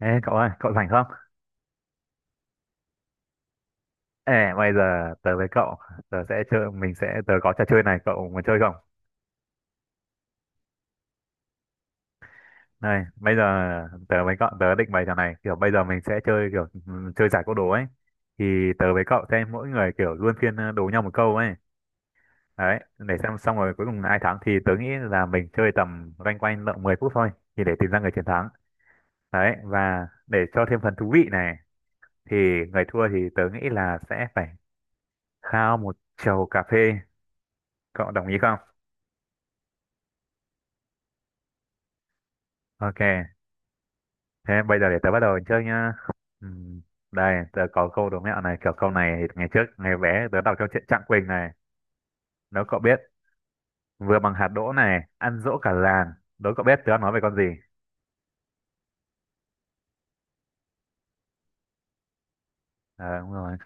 Ê cậu ơi, cậu rảnh không? Ê, bây giờ tớ với cậu, tớ sẽ chơi, mình sẽ, tớ có trò chơi này, cậu muốn chơi không? Này, bây giờ tớ với cậu, tớ định bày trò này, kiểu bây giờ mình sẽ chơi kiểu chơi giải câu đố ấy. Thì tớ với cậu sẽ mỗi người kiểu luân phiên đố nhau một câu ấy. Đấy, để xem xong rồi cuối cùng ai thắng thì tớ nghĩ là mình chơi tầm loanh quanh lợn 10 phút thôi, thì để tìm ra người chiến thắng. Đấy, và để cho thêm phần thú vị này, thì người thua thì tớ nghĩ là sẽ phải khao một chầu cà phê. Cậu đồng ý không? Ok. Thế bây giờ để tớ bắt đầu chơi nhá. Ừm, Đây, tớ có câu đố mẹo này, kiểu câu này thì ngày trước, ngày bé tớ đọc trong truyện Trạng Quỳnh này. Nếu cậu biết, vừa bằng hạt đỗ này, ăn dỗ cả làng. Đố cậu biết tớ đang nói về con gì? Ờ, đúng rồi.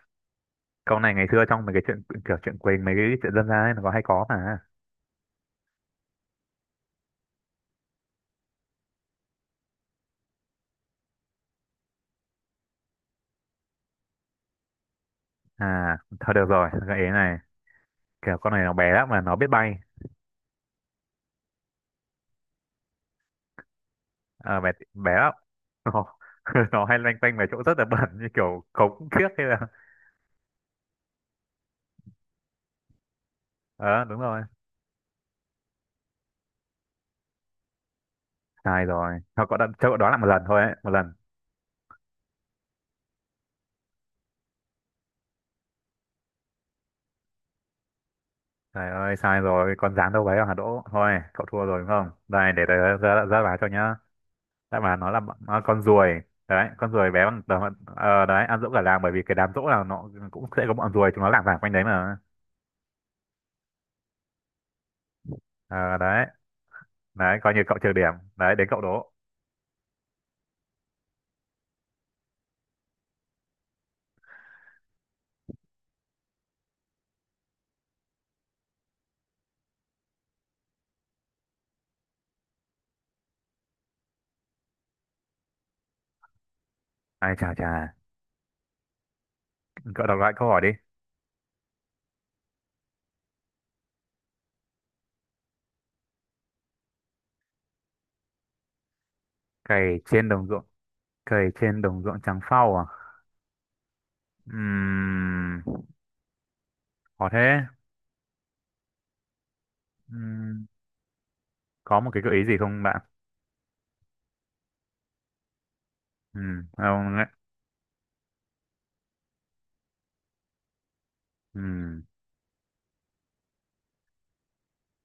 Câu này ngày xưa trong mấy cái chuyện kiểu truyện Quỳnh, mấy cái chuyện dân gian ấy, nó có hay có mà. À, thôi được rồi, gợi ý này. Kiểu con này nó bé lắm mà nó biết bay. Ờ, bé, bé lắm. Nó, nó hay loanh quanh về chỗ rất là bẩn như kiểu cống kiếp hay là... Ờ, đúng rồi. Sai rồi. Thôi cậu đã, cho cậu đoán lại một lần thôi ấy, một lần. Trời ơi, sai rồi, con dáng đâu đấy hả Đỗ? Thôi, cậu thua rồi đúng không? Đây, để tớ ra báo cho nhá. Đáp án nó là nó là con ruồi. Đấy, con ruồi bé bằng tờ, đấy, ăn dỗ cả làng bởi vì cái đám dỗ là nó cũng sẽ có bọn ruồi, chúng nó lảng vảng quanh đấy mà. Ờ, đấy, đấy, coi như cậu trừ điểm. Đấy, đến cậu Đỗ. Ai chà chà, cậu đọc lại câu hỏi đi. Cày trên đồng ruộng, Cày trên đồng ruộng trắng phau à? Ừm, khó thế. Ừm, có một cái gợi ý gì không bạn? Không, ấy. ừm,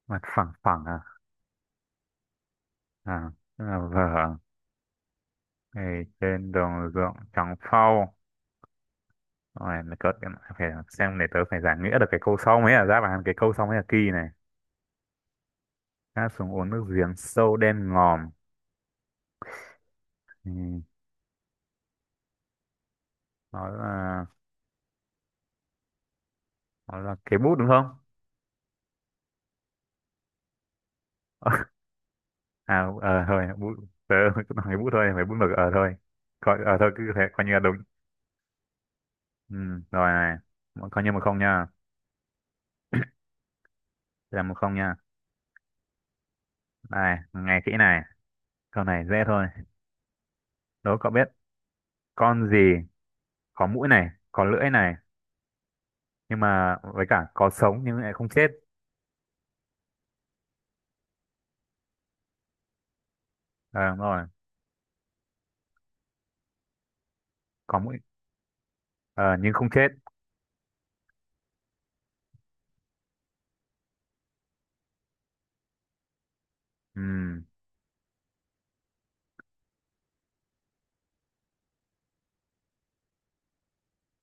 mặt phẳng phẳng à? À, tức là vở ngày trên đồng ruộng trắng phau rồi là cỡ phải xem để tớ phải giải nghĩa được cái câu sau mới là đáp án cái câu sau mới là kỳ này, ngã xuống uống nước giếng sâu đen ngòm. Ừ, đó là đó là cái bút đúng không? À, ờ thôi bút, tớ cứ nói cái bút thôi phải bút mực ờ thôi, coi ờ thôi cứ thế coi như là đúng. Ừ, rồi này. Coi như 1-0 nha. Đây là 1-0 nha, này nghe kỹ này, câu này dễ thôi, đố cậu biết con gì có mũi này có lưỡi này nhưng mà với cả có sống nhưng lại không chết. À, đúng rồi, có mũi ờ, nhưng không chết. Ừ.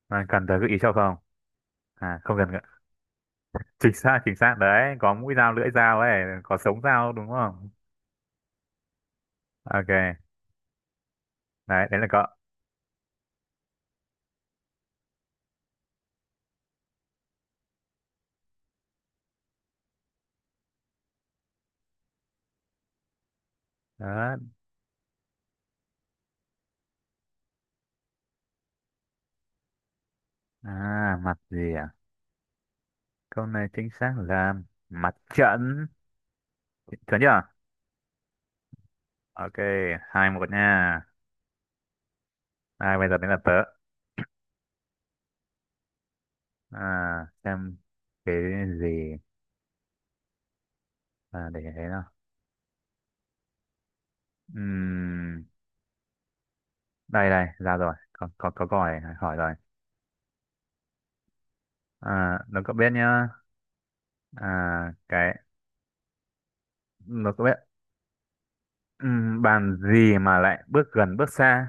Bạn cần tới gợi ý cho không? À không cần chính xác, chính xác đấy, có mũi dao lưỡi dao ấy, có sống dao đúng không? Ok đấy, đấy là cậu. Đó. À mặt gì à, câu này chính xác là mặt trận. Chuẩn chưa? Ok, 2-1 nha. À, bây giờ đến là tớ. à, xem cái gì, để thế nào, đây đây ra rồi, có câu hỏi hỏi rồi. À, nó có biết nhá, à, cái nó có biết, bàn gì mà lại bước gần bước xa?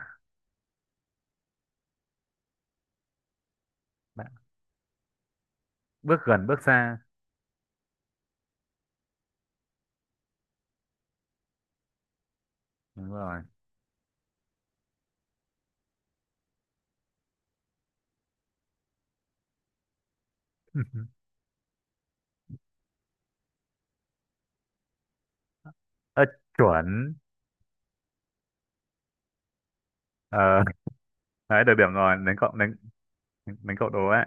Bạn- bước gần bước xa. Đúng rồi. Ơ chuẩn. Ờ đấy được điểm rồi, đến cậu, đến đến cậu đố ấy.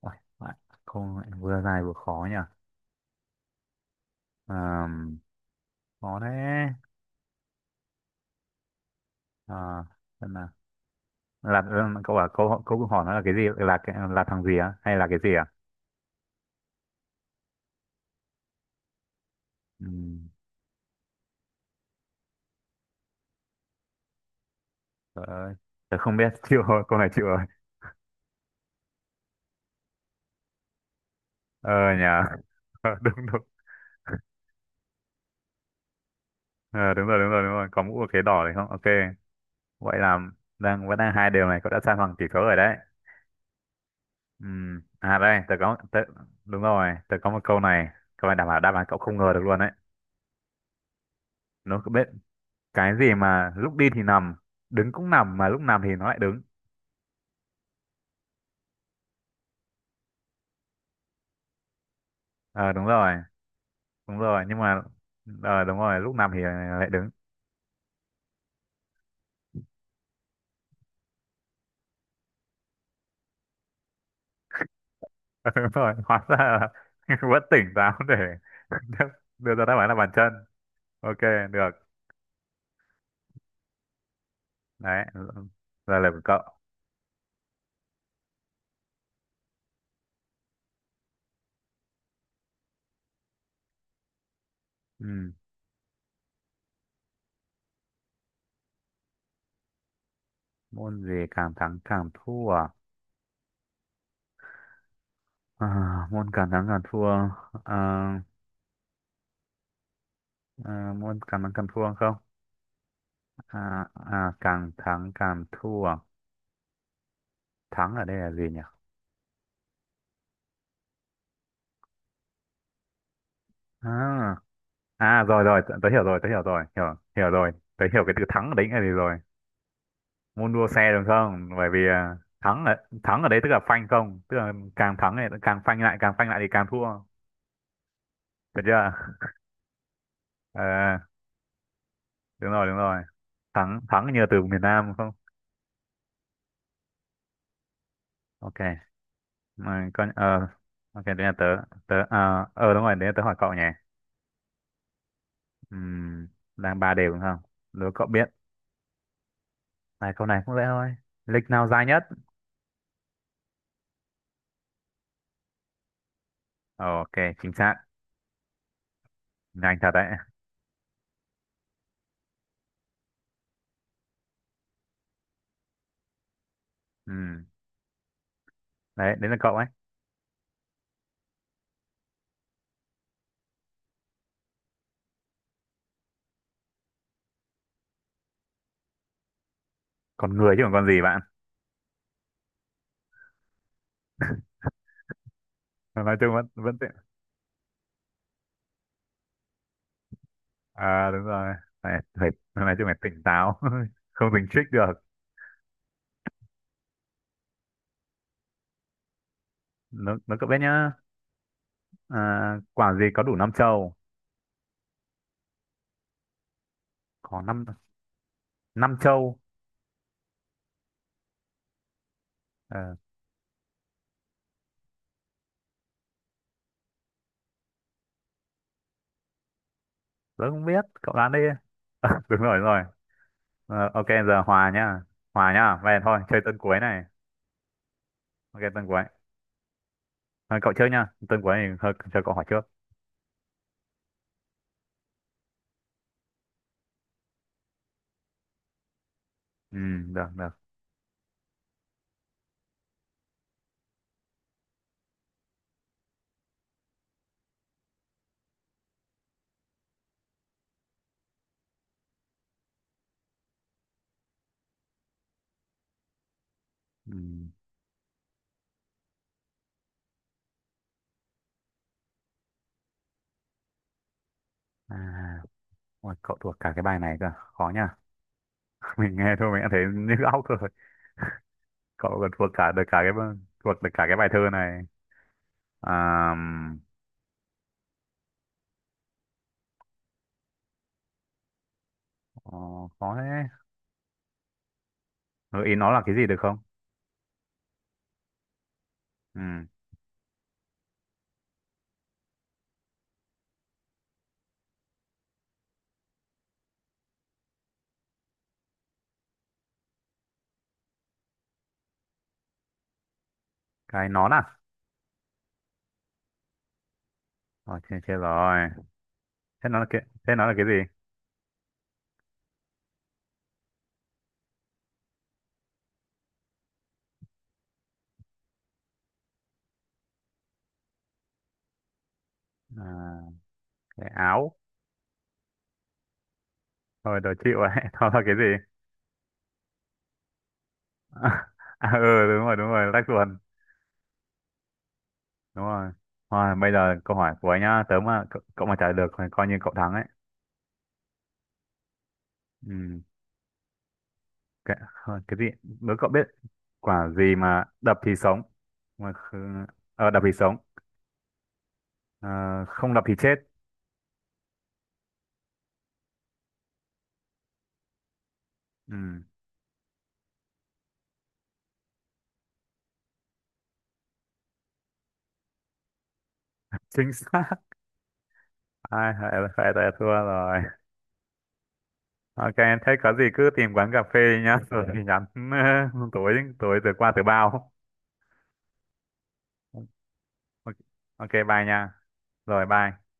Ôi, bạn không lại vừa dài vừa khó nhỉ. Ờm, khó thế. à, xem nào, là cậu bảo câu câu hỏi nó là cái gì là là thằng gì á hay là cái gì à? Ừm, Trời ơi, tớ không biết, chịu rồi, câu này chịu rồi. Ờ nhà, Ờ, đúng đúng, Ờ, đúng rồi, đúng rồi, đúng rồi, có mũ và khế đỏ đấy không? Ok, vậy là đang vẫn đang hai điều này, cậu đã san bằng tỷ số rồi đấy. À đây, đúng rồi, tớ có một câu này đảm bảo đáp án cậu không ngờ được luôn đấy. Nó có biết cái gì mà lúc đi thì nằm, đứng cũng nằm, mà lúc nằm thì nó lại đứng. Ờ đúng rồi, nhưng mà, ờ đúng rồi, lúc nằm thì lại đứng. Đúng rồi, hóa ra là vẫn tỉnh táo để đưa ra đáp án là bàn chân. Ok được đấy, giờ là của cậu. Ừ. Môn gì càng thắng càng thua à? À, môn càng thắng càng thua, à, à, môn càng thắng càng thua không, à, à, càng thắng càng thua, thắng ở đây là gì nhỉ? À, à rồi rồi tớ hiểu rồi, tớ hiểu rồi. Tớ hiểu cái từ thắng ở đấy là gì rồi. Môn đua xe đúng không, bởi vì à, thắng ở đấy tức là phanh không, tức là càng thắng này càng phanh lại, càng phanh lại thì càng thua, được chưa? Ờ, đúng rồi đúng rồi, thắng thắng như từ miền Nam không? Ok, mà con ờ, ok đấy là tớ. Đúng rồi, đấy là tớ hỏi cậu nhỉ. Ừm, đang ba đều đúng không, đố cậu biết, này câu này cũng dễ thôi, lịch nào dài nhất? Ok, chính xác, nhanh thật đấy. Ừm, đấy đấy là cậu ấy. Còn người chứ còn con gì bạn? Nói chung vẫn vẫn tiện. À đúng rồi, phải phải nói chung phải tỉnh táo, không tỉnh trích được. Nó cậu biết nhá, à, quả gì có đủ năm châu? Có năm năm châu. Ờ, tớ không biết cậu đoán đi. Đúng rồi đúng rồi. Ờ, ok giờ hòa nhá, hòa nhá vậy thôi chơi tuần cuối này. Ok tuần cuối. Ờ, cậu trước nhá, tuần cuối thì thôi cho cậu hỏi trước. Ừ được được. Ừ. À ôi, cậu thuộc cả cái bài này cơ, khó nhá, mình nghe thôi mình đã thấy như óc rồi, cậu còn thuộc cả được cả thuộc được cả cái bài thơ này. À, ờ, khó thế, gợi ý nó là cái gì được không? Ừ, cái nón à? Rồi, chết, chết rồi, thế nó là cái thế nó là cái gì? À, cái áo? Thôi đòi chịu ấy, thôi là cái gì? À, ừ đúng rồi đúng rồi, lách luật. Đúng rồi. Thôi bây giờ câu hỏi của anh nhá, cậu mà trả lời được thì coi như cậu thắng ấy. Ừ. cái, cái gì, nếu cậu biết, quả gì mà đập thì sống, mà kh- ờ, đập thì sống, ờ, không đập thì chết? Ừ. Chính xác. Ai phải phải là thua rồi. Ok, thế có gì cứ tìm quán cà phê nhá, rồi thì nhắn, tối tối từ qua từ bao. Ok, ok, bye nha. Rồi bye.